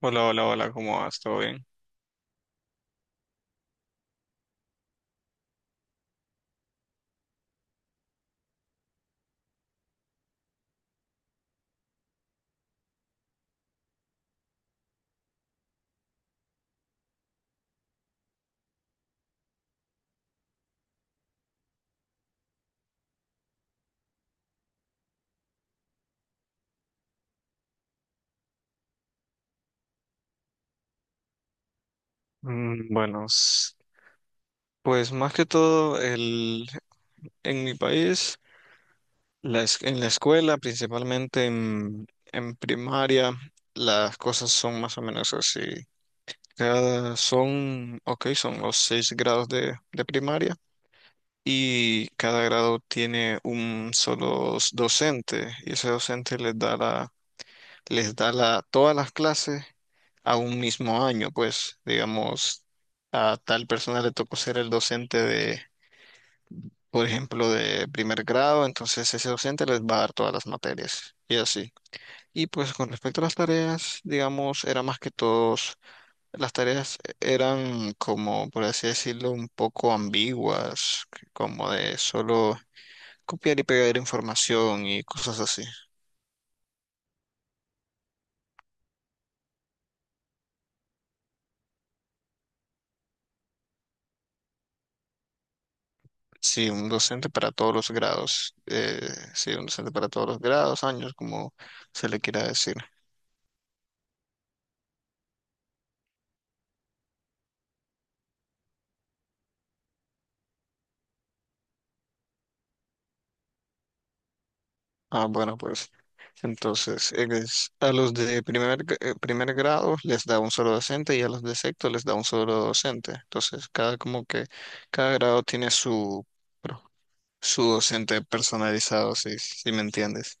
Hola, hola, hola, ¿cómo vas? ¿Todo bien? Bueno, pues más que todo, en mi país, en la escuela, principalmente en primaria, las cosas son más o menos así. Ok, son los seis grados de primaria, y cada grado tiene un solo docente, y ese docente les da todas las clases a un mismo año. Pues digamos, a tal persona le tocó ser el docente de, por ejemplo, de primer grado. Entonces ese docente les va a dar todas las materias y así. Y pues con respecto a las tareas, digamos, era más que todos, las tareas eran como, por así decirlo, un poco ambiguas, como de solo copiar y pegar información y cosas así. Sí, un docente para todos los grados. Sí, un docente para todos los grados, años, como se le quiera decir. Ah, bueno, pues entonces a los de primer grado les da un solo docente, y a los de sexto les da un solo docente. Entonces cada como que cada grado tiene su pro- su docente personalizado, si, si me entiendes.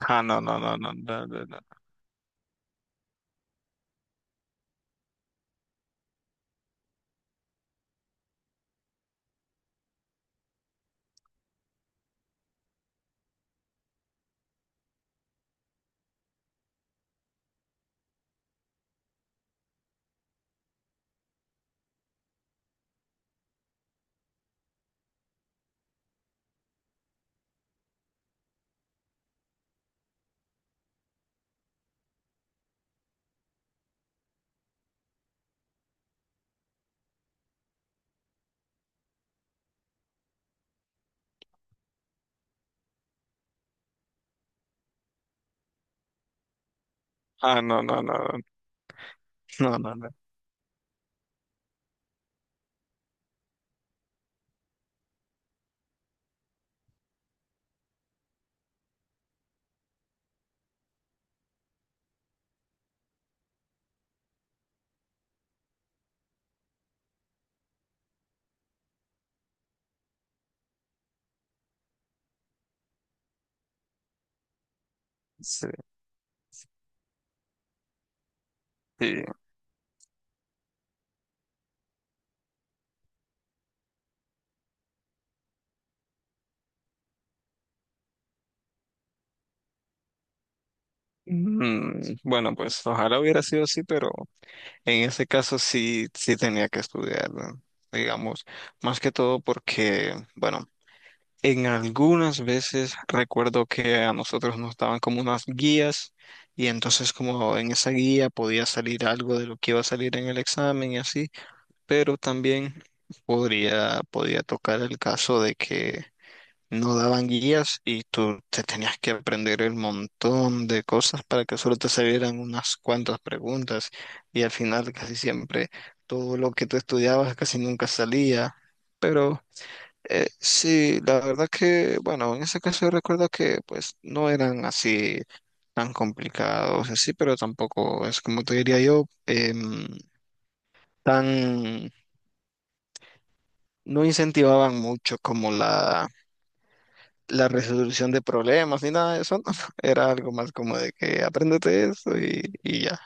Ah, no, no, no, no, no, no, no. Ah, no, no, no, no, no, no. No. Sí, sí. Bueno, pues ojalá hubiera sido así, pero en ese caso sí, sí tenía que estudiarlo, digamos, más que todo porque, bueno, en algunas veces recuerdo que a nosotros nos daban como unas guías, y entonces como en esa guía podía salir algo de lo que iba a salir en el examen y así, pero también podía tocar el caso de que no daban guías y tú te tenías que aprender el montón de cosas para que solo te salieran unas cuantas preguntas, y al final casi siempre todo lo que tú estudiabas casi nunca salía. Pero sí, la verdad que, bueno, en ese caso yo recuerdo que pues no eran así tan complicados, así, pero tampoco es como te diría yo, tan, no incentivaban mucho como la resolución de problemas ni nada de eso, no. Era algo más como de que apréndete eso y ya.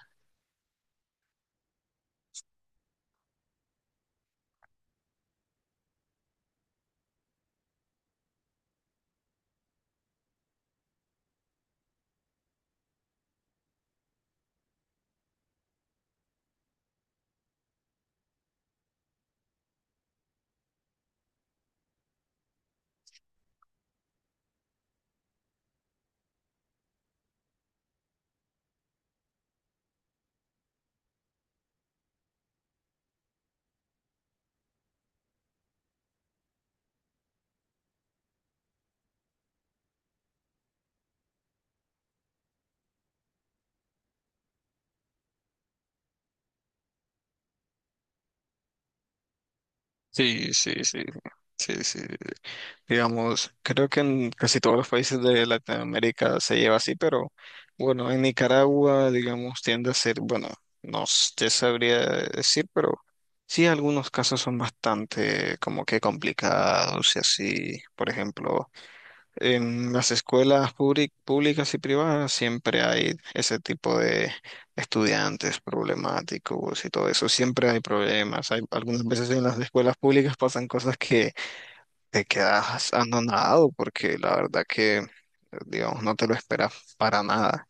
Sí, sí, sí, sí, sí. Digamos, creo que en casi todos los países de Latinoamérica se lleva así, pero bueno, en Nicaragua, digamos, tiende a ser, bueno, no s- te sabría decir, pero sí, algunos casos son bastante como que complicados y así. Por ejemplo, en las escuelas públicas y privadas siempre hay ese tipo de estudiantes problemáticos y todo eso. Siempre hay problemas. Hay, algunas veces en las escuelas públicas pasan cosas que te quedas anonadado porque la verdad que, digamos, no te lo esperas para nada.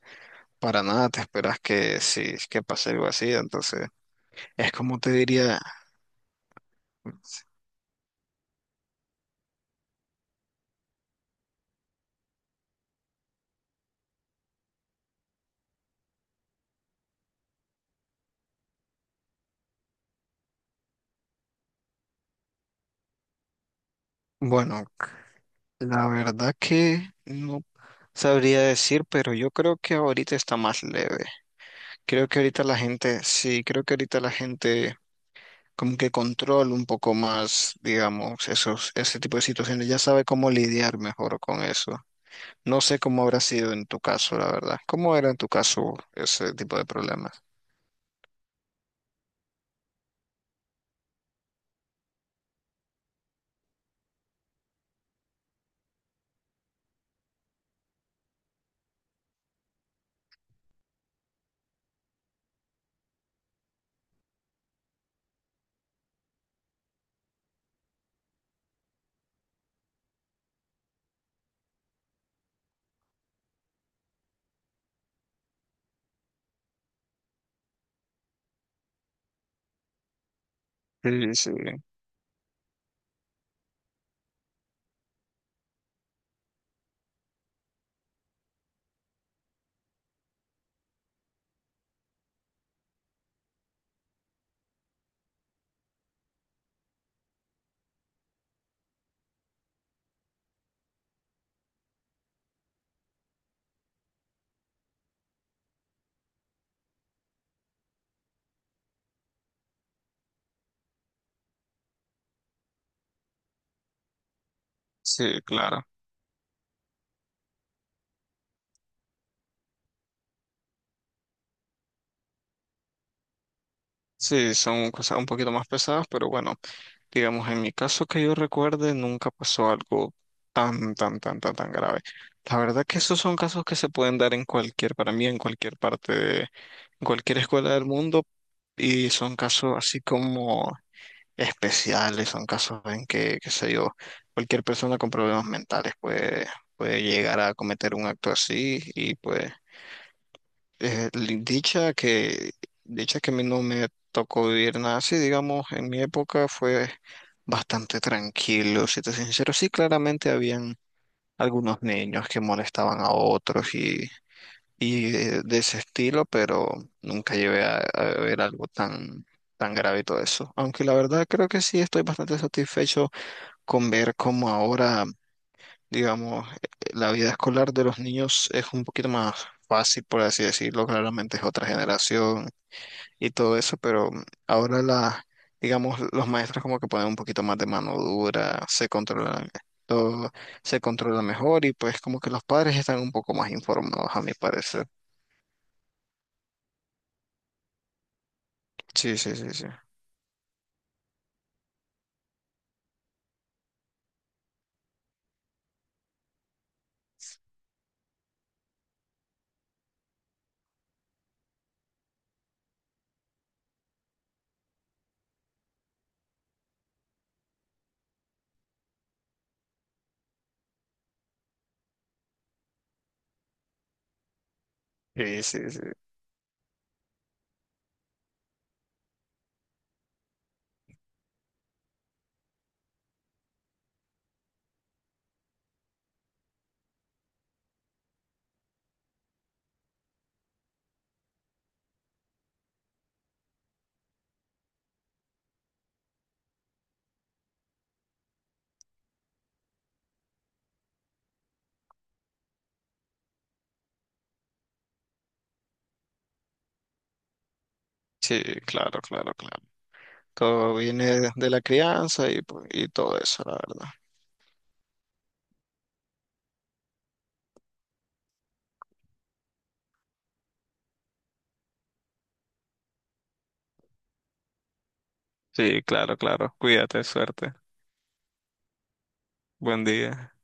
Para nada te esperas que sí, que pase algo así. Entonces, es como te diría, bueno, la verdad que no sabría decir, pero yo creo que ahorita está más leve. Creo que ahorita la gente, sí, creo que ahorita la gente como que controla un poco más, digamos, esos, ese tipo de situaciones. Ya sabe cómo lidiar mejor con eso. No sé cómo habrá sido en tu caso, la verdad. ¿Cómo era en tu caso ese tipo de problemas? Sí, sí, sí, claro. Sí, son cosas un poquito más pesadas, pero bueno. Digamos, en mi caso que yo recuerde, nunca pasó algo tan, tan, tan, tan, tan grave. La verdad que esos son casos que se pueden dar en cualquier, para mí, en cualquier parte de, en cualquier escuela del mundo, y son casos así como especiales, son casos en que, qué sé yo, cualquier persona con problemas mentales puede llegar a cometer un acto así. Y pues eh, li- dicha que, dicha que a mí no me tocó vivir nada así, digamos, en mi época fue bastante tranquilo, si te soy sincero. Sí, claramente habían algunos niños que molestaban a otros y de ese estilo, pero nunca llevé a ver algo tan, tan grave y todo eso. Aunque la verdad creo que sí estoy bastante satisfecho con ver cómo ahora digamos, la vida escolar de los niños es un poquito más fácil, por así decirlo, claramente es otra generación y todo eso. Pero ahora digamos, los maestros como que ponen un poquito más de mano dura, se controlan todo, se controla mejor, y pues como que los padres están un poco más informados, a mi parecer. Sí, sí, sí, sí. Sí, sí, sí. Sí, claro, claro, claro. Todo viene de la crianza y, pues, y todo eso, la verdad. Sí, claro, claro. Cuídate, suerte. Buen día.